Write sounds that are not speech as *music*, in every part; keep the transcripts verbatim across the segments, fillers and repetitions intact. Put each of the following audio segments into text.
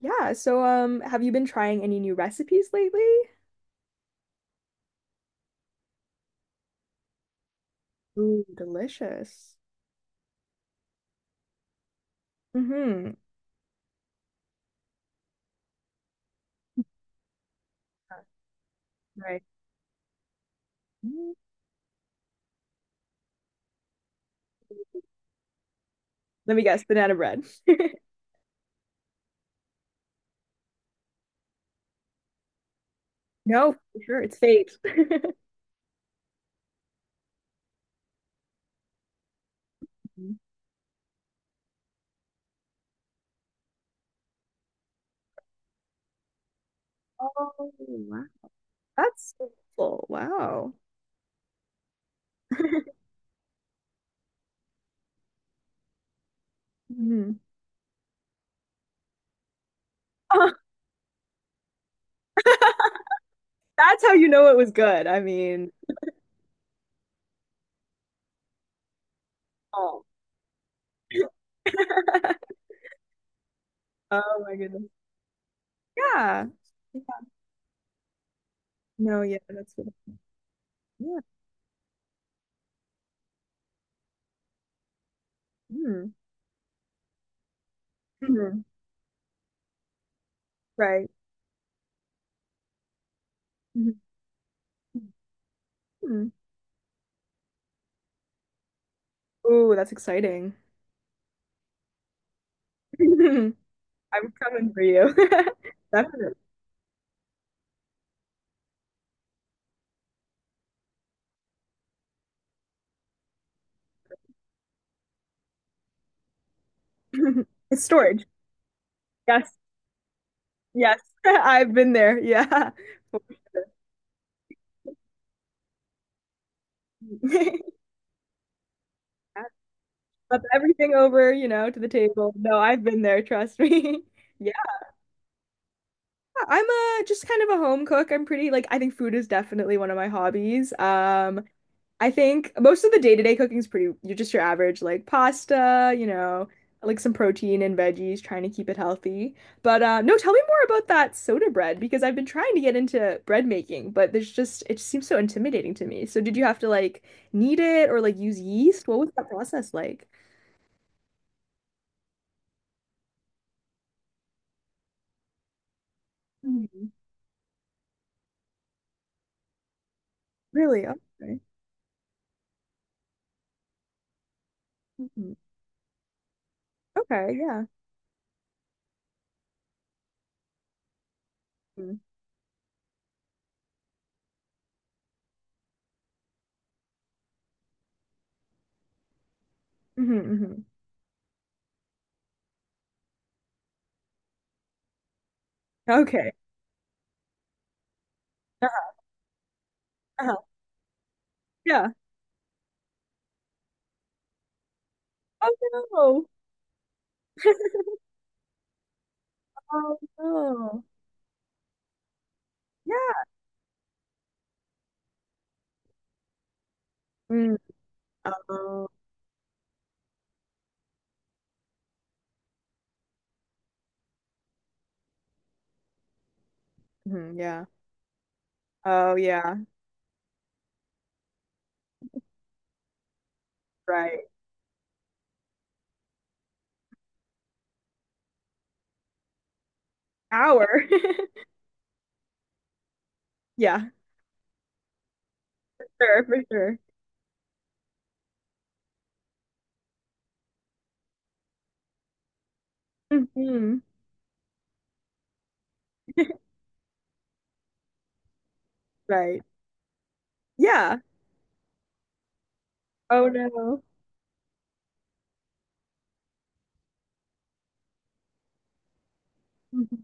Yeah, so um, have you been trying any new recipes lately? Ooh, delicious. Mm-hmm. Right. Mm. Let me guess, banana bread. *laughs* No, for sure, it's fake. Mhm. Oh, wow. That's so cool. Wow. *laughs* Mhm. Oh, *laughs* that's how you know it was good. I mean, oh. *laughs* Oh my goodness. Yeah. No, yeah, that's what. Yeah. Mm. Mhm. Right. Mhm. Mm. Ooh, that's exciting. *laughs* I'm coming for you. *laughs* Definitely. *laughs* It's storage. Yes. Yes. *laughs* I've been there. Yeah. *laughs* Up everything over, you know, to the table. No, I've been there, trust me. *laughs* Yeah, I'm a just kind of a home cook. I'm pretty like I think food is definitely one of my hobbies. Um, I think most of the day-to-day cooking is pretty, you're just your average like pasta, you know, like some protein and veggies, trying to keep it healthy. But uh, no, tell me more about that soda bread because I've been trying to get into bread making, but there's just, it just seems so intimidating to me. So did you have to like knead it or like use yeast? What was that process like? Mhm. Really? Okay. Hmm. Okay, yeah. Mm. Hmm. Okay. Uh-huh. Uh-huh. Yeah. Oh no. Oh no. Yeah. Mm. Oh, mhm, yeah. Oh yeah, right. Hour. *laughs* Yeah, sure, for sure. Hmm. *laughs* Right. Yeah. Oh no. Mhm.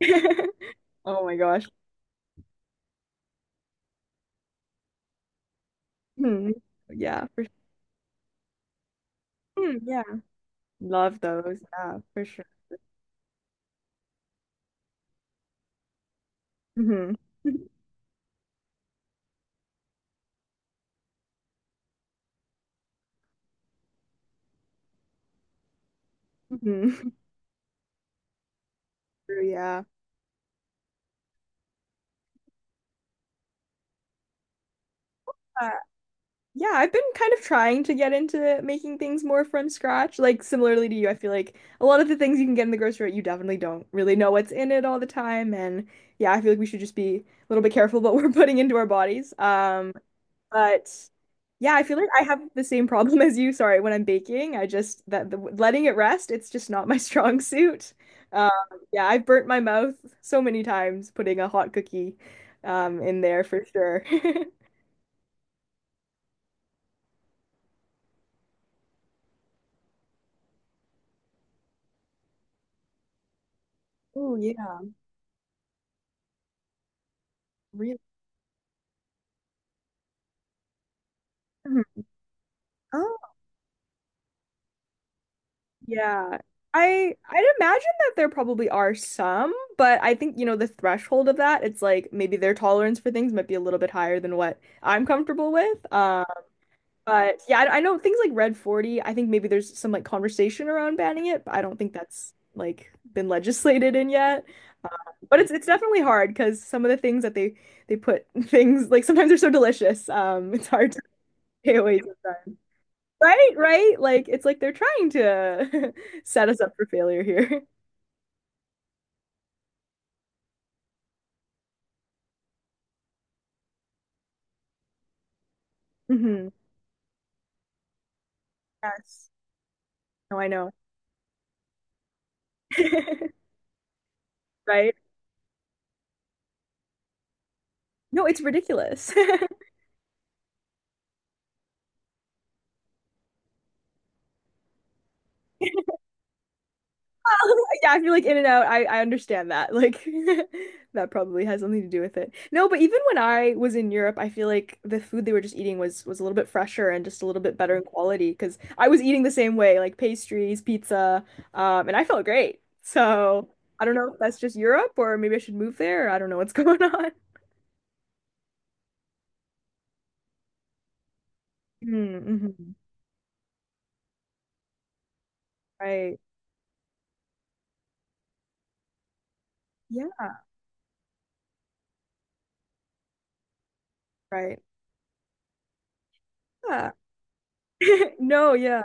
*laughs* Oh my gosh. Hmm. Yeah, for sure. Hmm, yeah. Love those. Yeah, for sure. Hmm. *laughs* Hmm. True, yeah. Yeah, I've been kind of trying to get into making things more from scratch. Like similarly to you, I feel like a lot of the things you can get in the grocery, store, you definitely don't really know what's in it all the time. And yeah, I feel like we should just be a little bit careful what *laughs* we're putting into our bodies. Um, but yeah, I feel like I have the same problem *laughs* as you. Sorry, when I'm baking, I just that the letting it rest, it's just not my *laughs* strong suit. Um, yeah, I've burnt my mouth so many times putting a hot cookie um in there for sure. *laughs* Oh yeah, really. Mhm. Yeah. I I'd imagine that there probably are some, but I think, you know, the threshold of that, it's like maybe their tolerance for things might be a little bit higher than what I'm comfortable with. Uh, but yeah, I, I know things like Red forty, I think maybe there's some like conversation around banning it, but I don't think that's like been legislated in yet. But it's it's definitely hard because some of the things that they they put *laughs* things like sometimes they're so delicious. Um, it's hard to *laughs* stay away sometimes. Right, right? Like it's like they're trying to *laughs* set us up for failure here. Hmm. Yes. No, I know. *laughs* Right? No, it's ridiculous. *laughs* Well, yeah, I feel like In and Out, I, I understand that. Like *laughs* that probably has something to do with it. No, but even when I was in Europe, I feel like the food they were just eating was was a little bit fresher and just a little bit better in quality because I was eating the same way, like pastries, pizza, um, and I felt great. So I don't know if that's just Europe or maybe I should move there. Or I don't know what's *laughs* going on. Mm-hmm. Right. Yeah, right. Yeah. *laughs* No, yeah.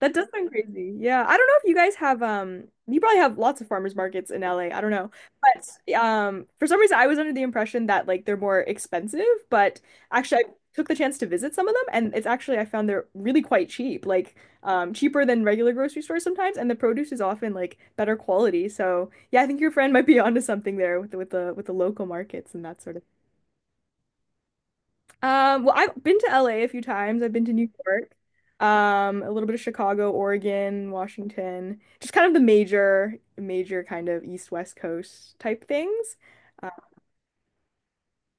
That does sound crazy. Yeah. I don't know if you guys have um you probably have lots of farmers markets in L A. I don't know. But um for some reason I was under the impression that like they're more expensive, but actually I took the chance to visit some of them and it's actually I found they're really quite cheap, like um cheaper than regular grocery stores sometimes and the produce is often like better quality. So, yeah, I think your friend might be *laughs* onto something there with the, with the with the local markets and that sort of um, well, I've been to LA a a few times. I've been to New York, um, a little bit of Chicago, Oregon, Washington, just kind of the major, major kind of east west coast type things. Uh,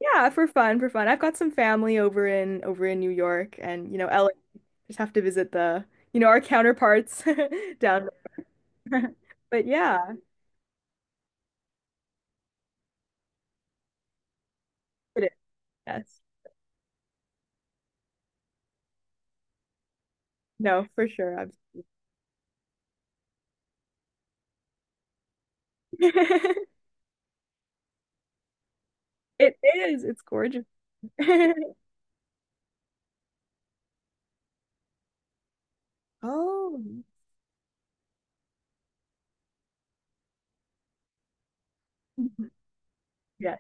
yeah, for fun, for fun. I've got some family over in over in New York, and you know, L A just have to visit the you know our counterparts *laughs* down there. *laughs* But yeah, it is. Yes, no, for sure. I'm... *laughs* It is. It's gorgeous. *laughs* Oh, yes,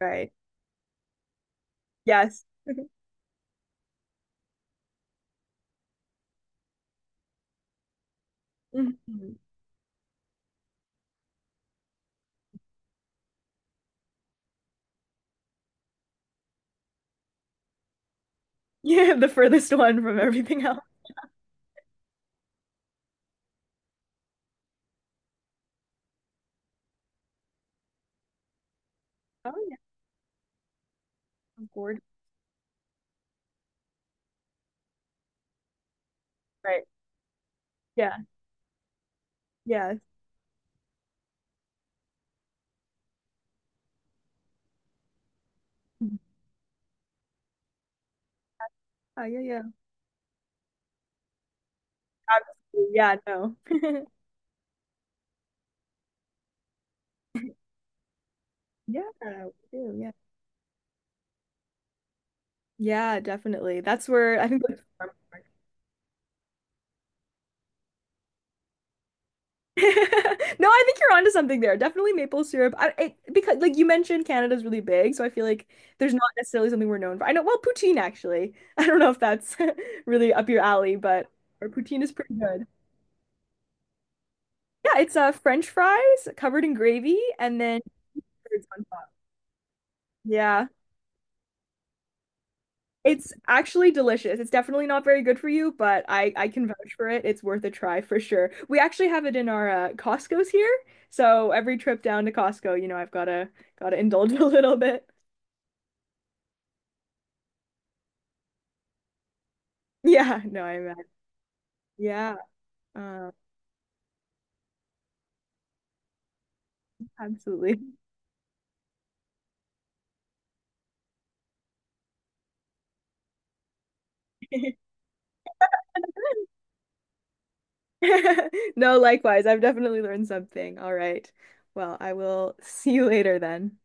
right. Yes. *laughs* Mhm. Yeah, the furthest one from everything else. Oh yeah, I'm bored. Right. Yeah. Yes. Mhm. Oh yeah, yeah. Absolutely. Yeah, no. *laughs* Yeah, we do, yeah. Yeah, definitely. That's where I think the farm work. *laughs* No, I think you're onto something there. Definitely maple syrup. I, it, because like you mentioned, Canada's really big, so I feel like there's not necessarily something we're known for. I know, well, poutine actually. *laughs* I don't know if that's *laughs* really up your alley, but our poutine is pretty good. Yeah, it's uh French fries covered in gravy and then curds on top. Yeah. It's actually delicious. It's definitely not very good for you, but I I can vouch for it. It's worth a try for sure. We actually have it in our uh, Costco's here. So every trip down to Costco, you know, I've gotta gotta indulge *laughs* a little bit. Yeah, no, I imagine. Yeah, uh, absolutely. *laughs* *laughs* No, likewise. I've definitely learned something. All right. Well, I will see you later then.